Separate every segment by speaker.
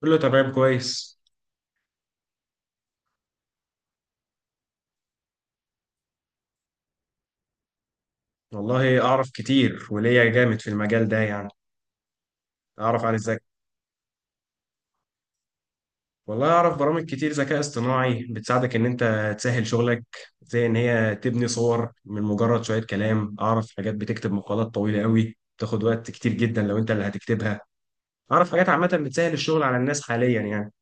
Speaker 1: كله تمام كويس. والله اعرف كتير وليا جامد في المجال ده يعني. اعرف عن الذكاء. والله اعرف برامج كتير ذكاء اصطناعي بتساعدك ان انت تسهل شغلك، زي ان هي تبني صور من مجرد شوية كلام. اعرف حاجات بتكتب مقالات طويلة قوي بتاخد وقت كتير جدا لو انت اللي هتكتبها. اعرف حاجات عامة بتسهل الشغل على الناس حاليا يعني.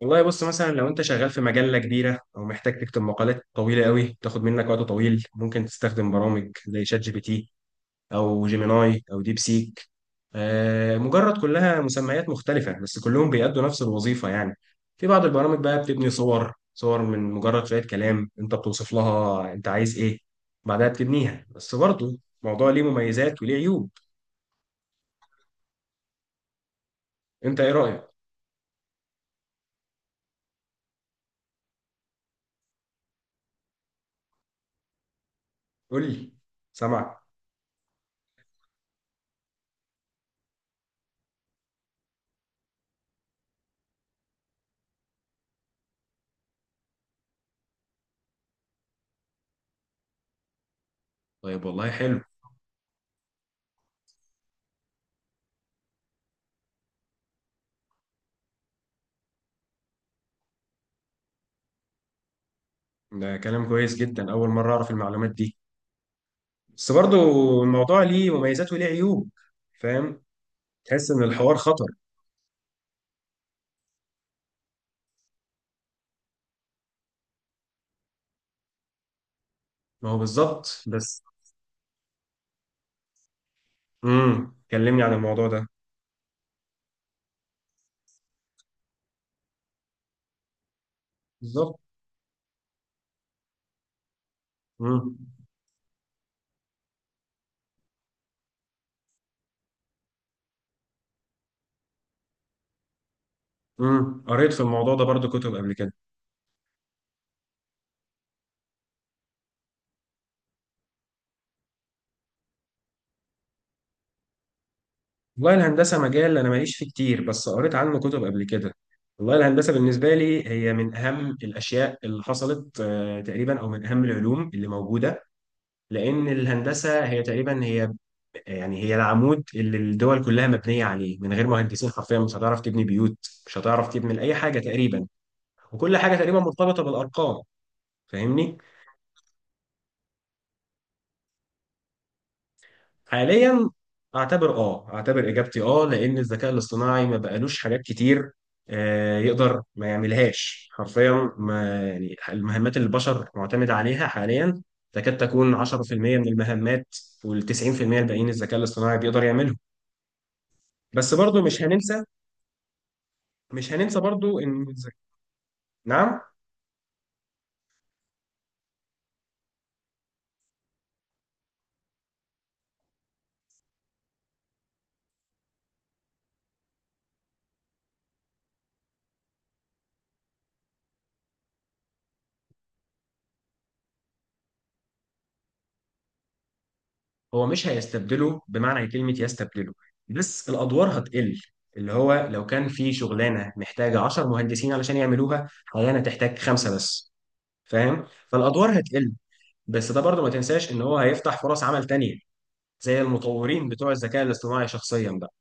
Speaker 1: والله بص، مثلا لو انت شغال في مجلة كبيرة او محتاج تكتب مقالات طويلة قوي تاخد منك وقت طويل ممكن تستخدم برامج زي شات جي بي تي او جيميناي او ديب سيك. مجرد كلها مسميات مختلفة بس كلهم بيأدوا نفس الوظيفة يعني. في بعض البرامج بقى بتبني صور من مجرد شوية كلام انت بتوصف لها انت عايز ايه، بعدها بتبنيها. بس برضه الموضوع ليه مميزات وليه عيوب. انت ايه رأيك؟ قول لي، سامعك. طيب والله حلو. ده كلام كويس جدا، اول مرة اعرف المعلومات دي. بس برضه الموضوع ليه مميزات وليه عيوب. فاهم، تحس ان الحوار خطر. ما هو بالظبط بس. كلمني عن الموضوع ده. بالظبط. امم. قريت في الموضوع ده برضو كتب قبل كده. والله الهندسه مجال انا ماليش فيه كتير بس قريت عنه كتب قبل كده. والله الهندسه بالنسبه لي هي من اهم الاشياء اللي حصلت تقريبا، او من اهم العلوم اللي موجوده. لان الهندسه هي تقريبا يعني هي العمود اللي الدول كلها مبنيه عليه. من غير مهندسين حرفيا مش هتعرف تبني بيوت، مش هتعرف تبني اي حاجه تقريبا، وكل حاجه تقريبا مرتبطه بالارقام. فاهمني. حاليا، اعتبر اجابتي لان الذكاء الاصطناعي ما بقالوش حاجات كتير. يقدر ما يعملهاش حرفيا، ما يعني المهمات اللي البشر معتمد عليها حاليا تكاد تكون 10% من المهمات، وال 90% الباقيين الذكاء الاصطناعي بيقدر يعملهم. بس برضو مش هننسى، مش هننسى برضو ان الذ-. نعم. هو مش هيستبدله بمعنى كلمة يستبدله، بس الأدوار هتقل. اللي هو لو كان في شغلانة محتاجة 10 مهندسين علشان يعملوها حاليا، هتحتاج خمسة بس. فاهم، فالأدوار هتقل. بس ده برضه ما تنساش إن هو هيفتح فرص عمل تانية، زي المطورين بتوع الذكاء الاصطناعي شخصيا بقى.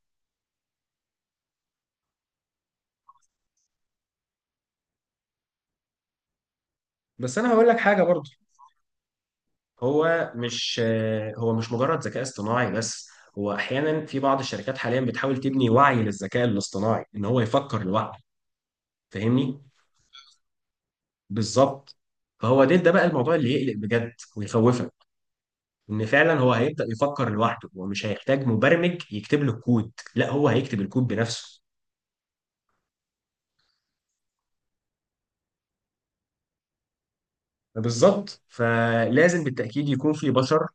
Speaker 1: بس أنا هقول لك حاجة برضه. هو مش هو مش مجرد ذكاء اصطناعي بس. هو أحيانا في بعض الشركات حاليا بتحاول تبني وعي للذكاء الاصطناعي إن هو يفكر لوحده. فاهمني. بالظبط. فهو ده بقى الموضوع اللي يقلق بجد ويخوفك. ان فعلا هو هيبدأ يفكر لوحده، هو مش هيحتاج مبرمج يكتب له الكود، لا هو هيكتب الكود بنفسه. بالظبط، فلازم بالتأكيد يكون في بشر.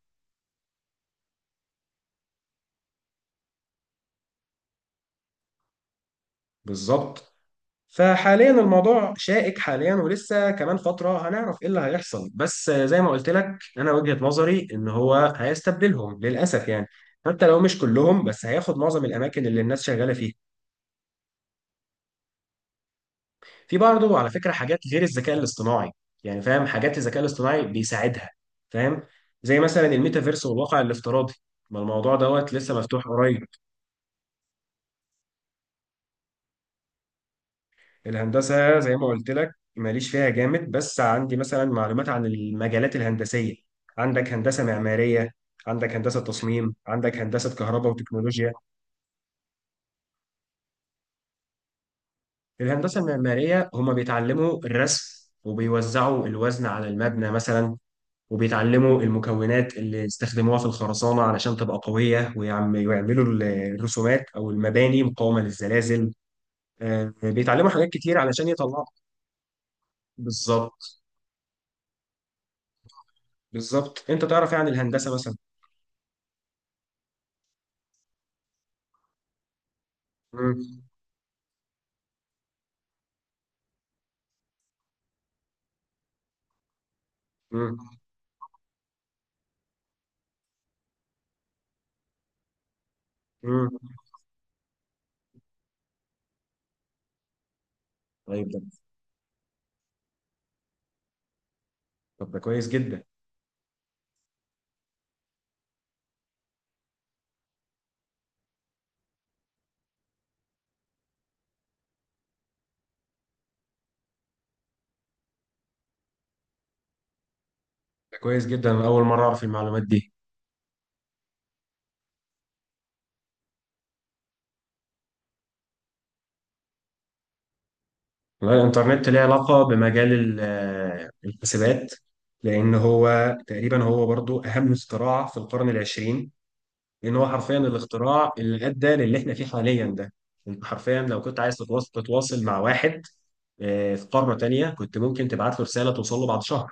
Speaker 1: بالظبط. فحاليا الموضوع شائك حاليا، ولسه كمان فترة هنعرف ايه اللي هيحصل. بس زي ما قلت لك انا وجهة نظري ان هو هيستبدلهم للأسف يعني. حتى لو مش كلهم بس هياخد معظم الأماكن اللي الناس شغالة فيها. في برضه على فكرة حاجات غير الذكاء الاصطناعي، يعني فاهم حاجات الذكاء الاصطناعي بيساعدها. فاهم، زي مثلا الميتافيرس والواقع الافتراضي. ما الموضوع دوت لسه مفتوح قريب. الهندسة زي ما قلت لك ماليش فيها جامد، بس عندي مثلا معلومات عن المجالات الهندسية. عندك هندسة معمارية، عندك هندسة تصميم، عندك هندسة كهرباء وتكنولوجيا. الهندسة المعمارية هما بيتعلموا الرسم، وبيوزعوا الوزن على المبنى مثلا. وبيتعلموا المكونات اللي استخدموها في الخرسانة علشان تبقى قوية، ويعملوا الرسومات أو المباني مقاومة للزلازل. بيتعلموا حاجات كتير علشان يطلعوا. بالظبط. بالظبط، أنت تعرف يعني الهندسة مثلا. مم. مم. مم. طيب ده. طب ده كويس جدا. ده كويس جدا، أنا أول مرة أعرف المعلومات دي. والله الإنترنت ليه علاقة بمجال الحسابات. لأن هو تقريبا برضو أهم اختراع في القرن العشرين. لان هو حرفيا الاختراع اللي ادى للي احنا فيه حاليا ده. انت حرفيا لو كنت عايز تتواصل مع واحد في قاره تانيه، كنت ممكن تبعت له رساله توصل له بعد شهر.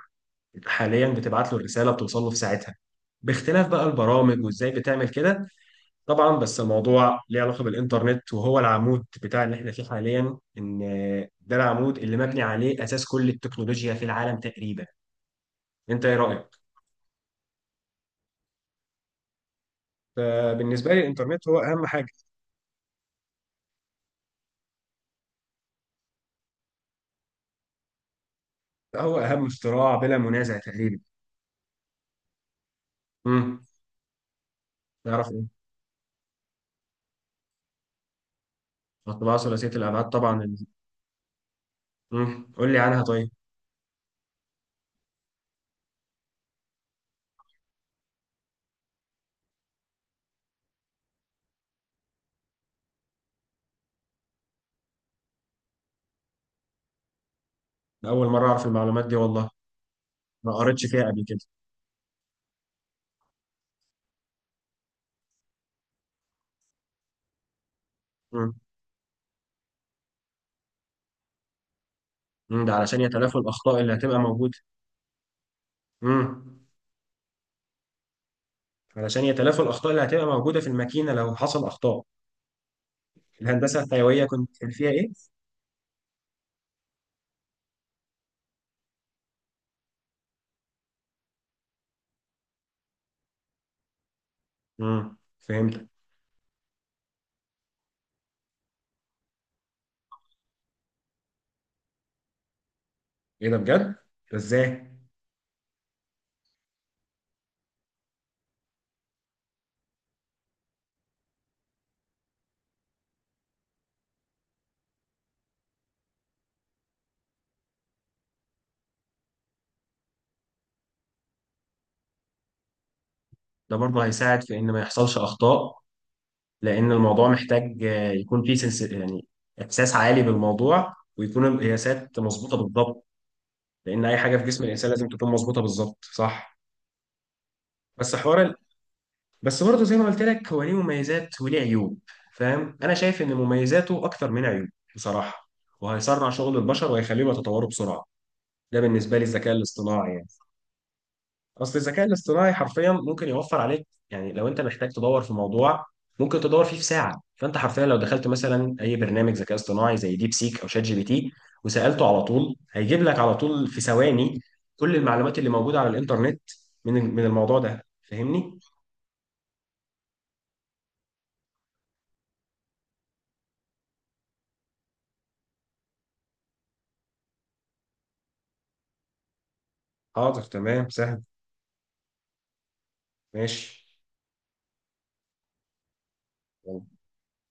Speaker 1: انت حاليا بتبعت له الرساله بتوصل له في ساعتها، باختلاف بقى البرامج وازاي بتعمل كده. طبعا بس الموضوع ليه علاقه بالانترنت وهو العمود بتاع اللي احنا فيه حاليا، ان ده العمود اللي مبني عليه اساس كل التكنولوجيا في العالم تقريبا. انت ايه رايك؟ فبالنسبه لي الانترنت هو اهم حاجه، هو اهم اختراع بلا منازع تقريبا. مم. نعرف ايه. الطباعة ثلاثية الأبعاد طبعا ال-. مم. قول لي عنها طيب. أنا أول مرة أعرف المعلومات دي والله، ما قريتش فيها قبل كده. مم. مم. ده علشان يتلافوا الأخطاء اللي هتبقى موجودة. مم. علشان يتلافوا الأخطاء اللي هتبقى موجودة في الماكينة لو حصل أخطاء. الهندسة الحيوية كان فيها إيه؟ مم. فهمت. إيه ده بجد؟ ده إزاي؟ ده برضه هيساعد في إن ما يحصلش أخطاء، لأن الموضوع محتاج يكون فيه سنس يعني إحساس عالي بالموضوع، ويكون القياسات مظبوطة بالضبط. لان اي حاجه في جسم الانسان لازم تكون مظبوطه بالظبط صح. بس حوار ال-. بس برضه زي ما قلت لك هو ليه مميزات وليه عيوب. فاهم، انا شايف ان مميزاته اكتر من عيوب بصراحه. وهيسرع شغل البشر وهيخليهم يتطوروا بسرعه، ده بالنسبه لي الذكاء الاصطناعي يعني. اصل الذكاء الاصطناعي حرفيا ممكن يوفر عليك، يعني لو انت محتاج تدور في موضوع ممكن تدور فيه في ساعه. فانت حرفيا لو دخلت مثلا اي برنامج ذكاء اصطناعي زي ديب سيك او شات جي بي تي وسالته على طول، هيجيب لك على طول في ثواني كل المعلومات اللي موجوده على الانترنت من الموضوع ده. فاهمني؟ حاضر تمام سهل. ماشي. يلا،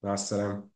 Speaker 1: مع السلامه.